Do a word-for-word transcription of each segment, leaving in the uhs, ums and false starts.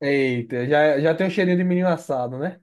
Eita, já, já tem um cheirinho de menino assado, né?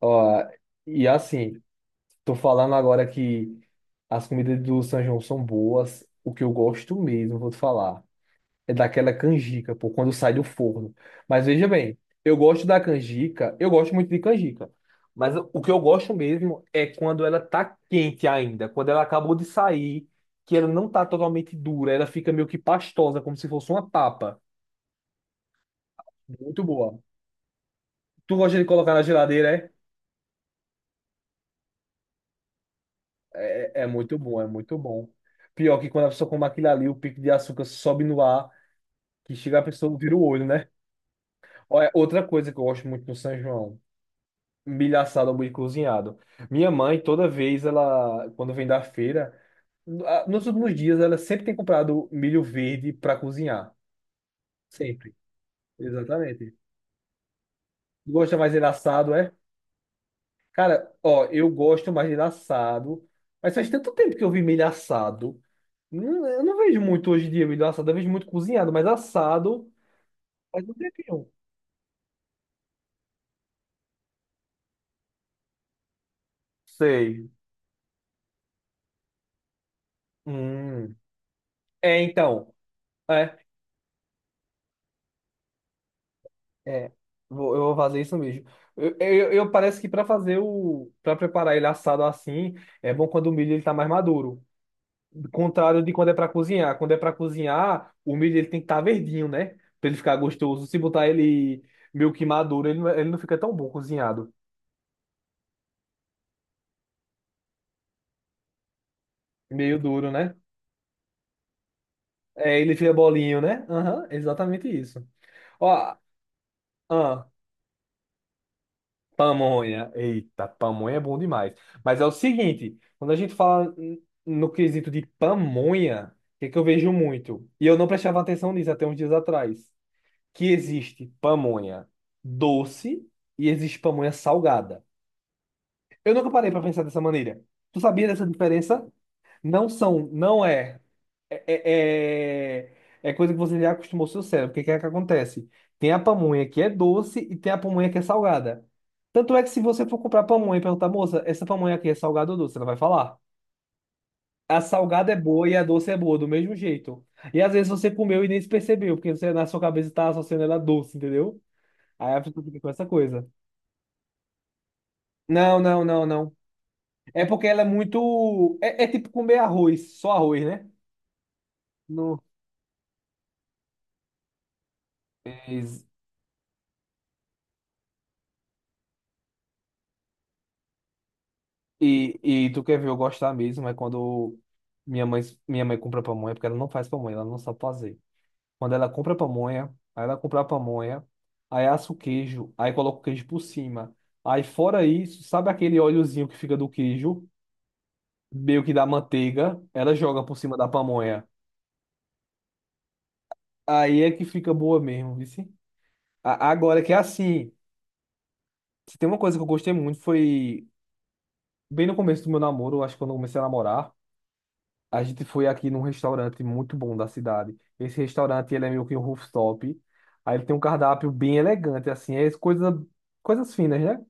Ó, e assim, tô falando agora que as comidas do São João são boas. O que eu gosto mesmo, vou te falar, é daquela canjica, pô, quando sai do forno. Mas veja bem, eu gosto da canjica, eu gosto muito de canjica. Mas o que eu gosto mesmo é quando ela tá quente ainda, quando ela acabou de sair, que ela não tá totalmente dura, ela fica meio que pastosa, como se fosse uma papa. Muito boa. Tu gosta de colocar na geladeira, é? É, é é muito bom, é muito bom. Pior que quando a pessoa come aquilo ali, o pico de açúcar sobe no ar, que chega a pessoa vira o olho, né? Olha, outra coisa que eu gosto muito no São João, milho assado ou milho cozinhado. Minha mãe, toda vez, ela, quando vem da feira, ah, nos últimos dias, ela sempre tem comprado milho verde para cozinhar. Sempre. Exatamente. Gosta mais dele assado, é? Cara, ó, eu gosto mais dele assado, mas faz tanto tempo que eu vi milho assado. Não- Eu não vejo muito hoje em dia milho assado, eu vejo muito cozinhado, mas assado faz um tempinho. Sei. Hum. É, então. É, é. Vou- eu vou fazer isso mesmo. Eu, eu, eu- parece que para fazer o. para preparar ele assado assim, é bom quando o milho ele tá mais maduro. Contrário de quando é para cozinhar. Quando é para cozinhar, o milho ele tem que estar verdinho, né? Pra ele ficar gostoso. Se botar ele meio que maduro, ele não, é, ele não fica tão bom cozinhado. Meio duro, né? É, ele fica bolinho, né? Aham, exatamente isso. Ó, ah, pamonha. Eita, pamonha é bom demais. Mas é o seguinte, quando a gente fala n- no quesito de pamonha, o que que eu vejo muito? E eu não prestava atenção nisso até uns dias atrás. Que existe pamonha doce e existe pamonha salgada. Eu nunca parei para pensar dessa maneira. Tu sabia dessa diferença? Não são, não é é, é, é é coisa que você já acostumou seu cérebro. O que que é que acontece? Tem a pamonha que é doce e tem a pamonha que é salgada. Tanto é que se você for comprar pamonha e perguntar, moça, essa pamonha aqui é salgada ou doce? Ela vai falar. A salgada é boa e a doce é boa, do mesmo jeito. E às vezes você comeu e nem se percebeu, porque você na sua cabeça está associando ela a doce, entendeu? Aí a pessoa fica com essa coisa. Não, não, não, não. É porque ela é muito. É, é tipo comer arroz, só arroz, né? Não. E, e tu quer ver eu gostar mesmo, é quando minha mãe, minha mãe compra pamonha, porque ela não faz pamonha, ela não sabe fazer. Quando ela compra pamonha, aí ela compra a pamonha, aí assa o queijo, aí coloca o queijo por cima. Aí fora isso, sabe aquele óleozinho que fica do queijo, meio que da manteiga, ela joga por cima da pamonha. Aí é que fica boa mesmo, viu? Agora que é assim, se tem uma coisa que eu gostei muito foi bem no começo do meu namoro, acho que quando eu comecei a namorar. A gente foi aqui num restaurante muito bom da cidade. Esse restaurante, ele é meio que um rooftop. Aí ele tem um cardápio bem elegante, assim, é coisa, coisas finas, né?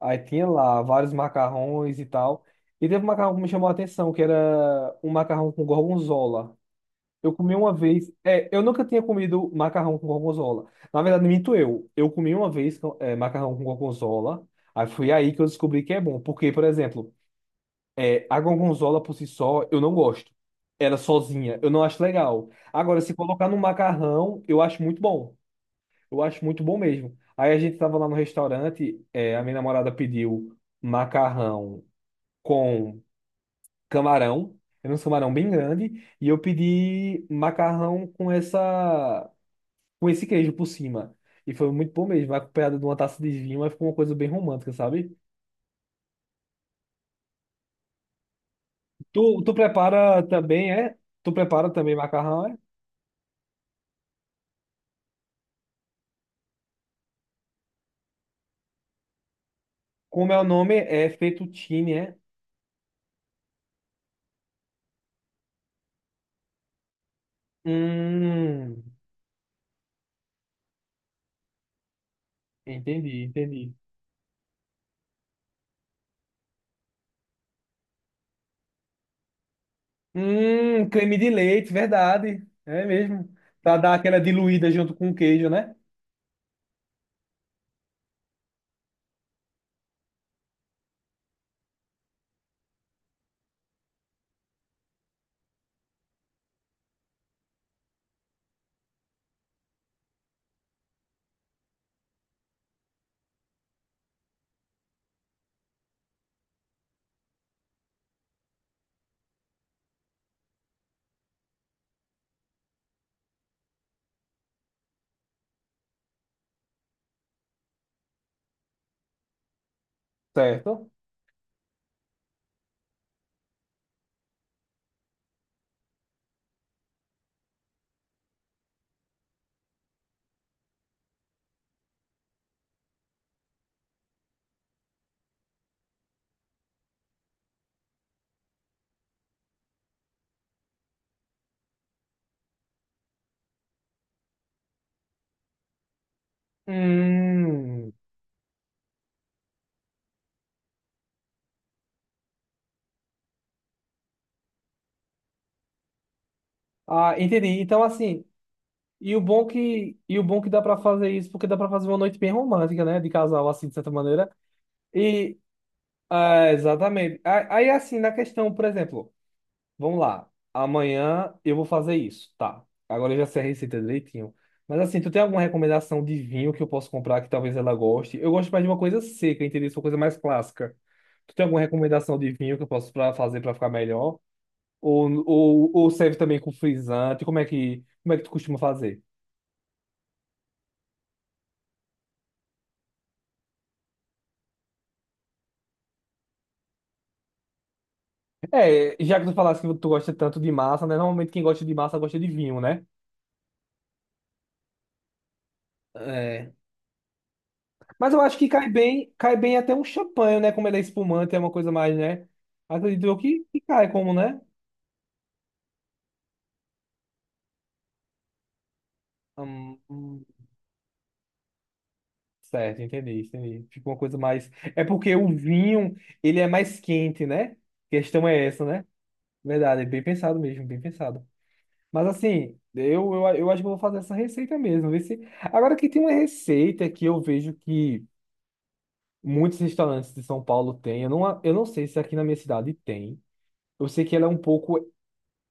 Aí tinha lá vários macarrões e tal. E teve um macarrão que me chamou a atenção, que era um macarrão com gorgonzola. Eu comi uma vez. É, eu nunca tinha comido macarrão com gorgonzola. Na verdade, minto eu. Eu comi uma vez, é, macarrão com gorgonzola. Aí foi aí que eu descobri que é bom. Porque, por exemplo, é, a gorgonzola por si só, eu não gosto. Ela sozinha, eu não acho legal. Agora, se colocar no macarrão, eu acho muito bom. Eu acho muito bom mesmo. Aí a gente tava lá no restaurante, é, a minha namorada pediu macarrão com camarão. Era um camarão bem grande. E eu pedi macarrão com essa, com esse queijo por cima. E foi muito bom mesmo. Acompanhado de uma taça de vinho, mas ficou uma coisa bem romântica, sabe? Tu, tu prepara também, é? Tu prepara também macarrão, é? Como é o nome? É fettuccine, é? Hum, entendi, entendi. Hum, creme de leite, verdade. É mesmo. Pra dar aquela diluída junto com o queijo, né? Certo. Hum. Ah, entendi. Então, assim, e o bom que, e o bom que dá pra fazer isso, porque dá pra fazer uma noite bem romântica, né? De casal, assim, de certa maneira. E, ah, exatamente. Ah, aí, assim, na questão, por exemplo. Vamos lá. Amanhã eu vou fazer isso. Tá. Agora eu já sei a receita direitinho. Mas assim, tu tem alguma recomendação de vinho que eu posso comprar que talvez ela goste? Eu gosto mais de uma coisa seca, entendeu? Uma coisa mais clássica. Tu tem alguma recomendação de vinho que eu posso pra fazer para ficar melhor? Ou, ou, ou serve também com frisante? Como é que, como é que tu costuma fazer? É, já que tu falaste que tu gosta tanto de massa, né? Normalmente quem gosta de massa gosta de vinho, né? Mas eu acho que cai bem, cai bem até um champanhe, né? Como ele é espumante, é uma coisa mais, né? Acredito eu que, que cai como, né? Hum, hum, certo, entendi, entendi. Fica uma coisa mais. É porque o vinho, ele é mais quente, né? A questão é essa, né? Verdade, é bem pensado mesmo, bem pensado. Mas assim, eu, eu, eu acho que eu vou fazer essa receita mesmo. Ver se... Agora que tem uma receita que eu vejo que muitos restaurantes de São Paulo têm. Eu não, eu não sei se aqui na minha cidade tem. Eu sei que ela é um pouco.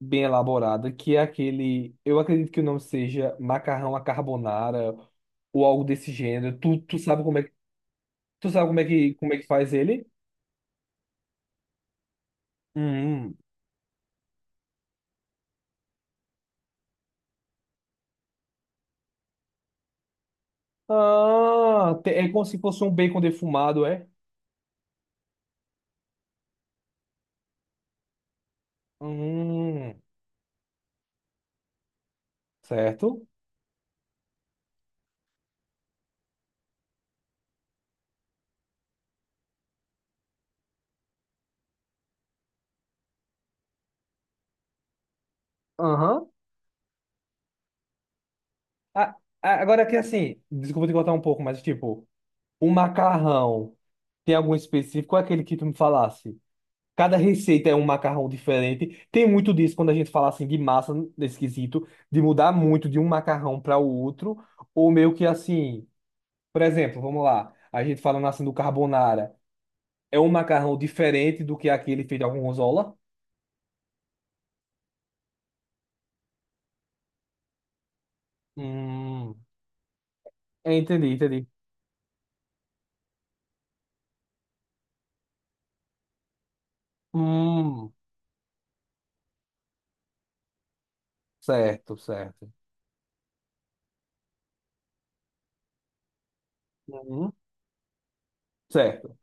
Bem elaborada, que é aquele, eu acredito que o nome seja macarrão à carbonara ou algo desse gênero. Tu, tu sabe como é, que- tu sabe como é que, como é que faz ele? Hum, Ah, te- é como se fosse um bacon defumado, é? Hum, certo? Aham. Ah, ah, agora que assim, desculpa te cortar um pouco, mas tipo, o macarrão tem algum específico? Qual é aquele que tu me falasse? Cada receita é um macarrão diferente. Tem muito disso quando a gente fala assim de massa nesse quesito, de mudar muito de um macarrão para o outro, ou meio que assim, por exemplo, vamos lá, a gente falando assim do carbonara, é um macarrão diferente do que aquele feito com gorgonzola? Hum, entendi, entendi. Hum, certo, certo. Uhum, certo.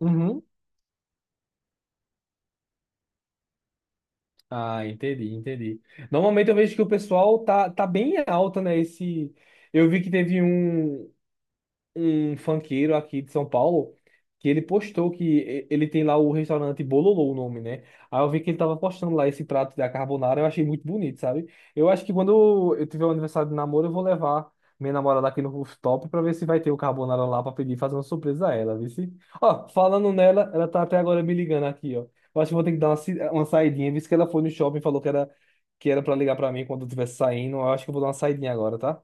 Uhum. Ah, entendi, entendi. Normalmente eu vejo que o pessoal tá, tá bem alta, né? Esse, eu vi que teve um. Um funkeiro aqui de São Paulo que ele postou que e- ele tem lá o restaurante Bololô, o nome, né? Aí eu vi que ele tava postando lá esse prato da carbonara, eu achei muito bonito, sabe? Eu acho que quando eu tiver um aniversário de namoro, eu vou levar minha namorada aqui no rooftop pra ver se vai ter o carbonara lá pra pedir, fazer uma surpresa a ela, viu? se- Ó, falando nela, ela tá até agora me ligando aqui, ó. Eu acho que vou ter que dar uma, si- uma saidinha, visto que ela foi no shopping e falou que era, que era pra ligar pra mim quando eu estivesse saindo. Eu acho que eu vou dar uma saidinha agora, tá?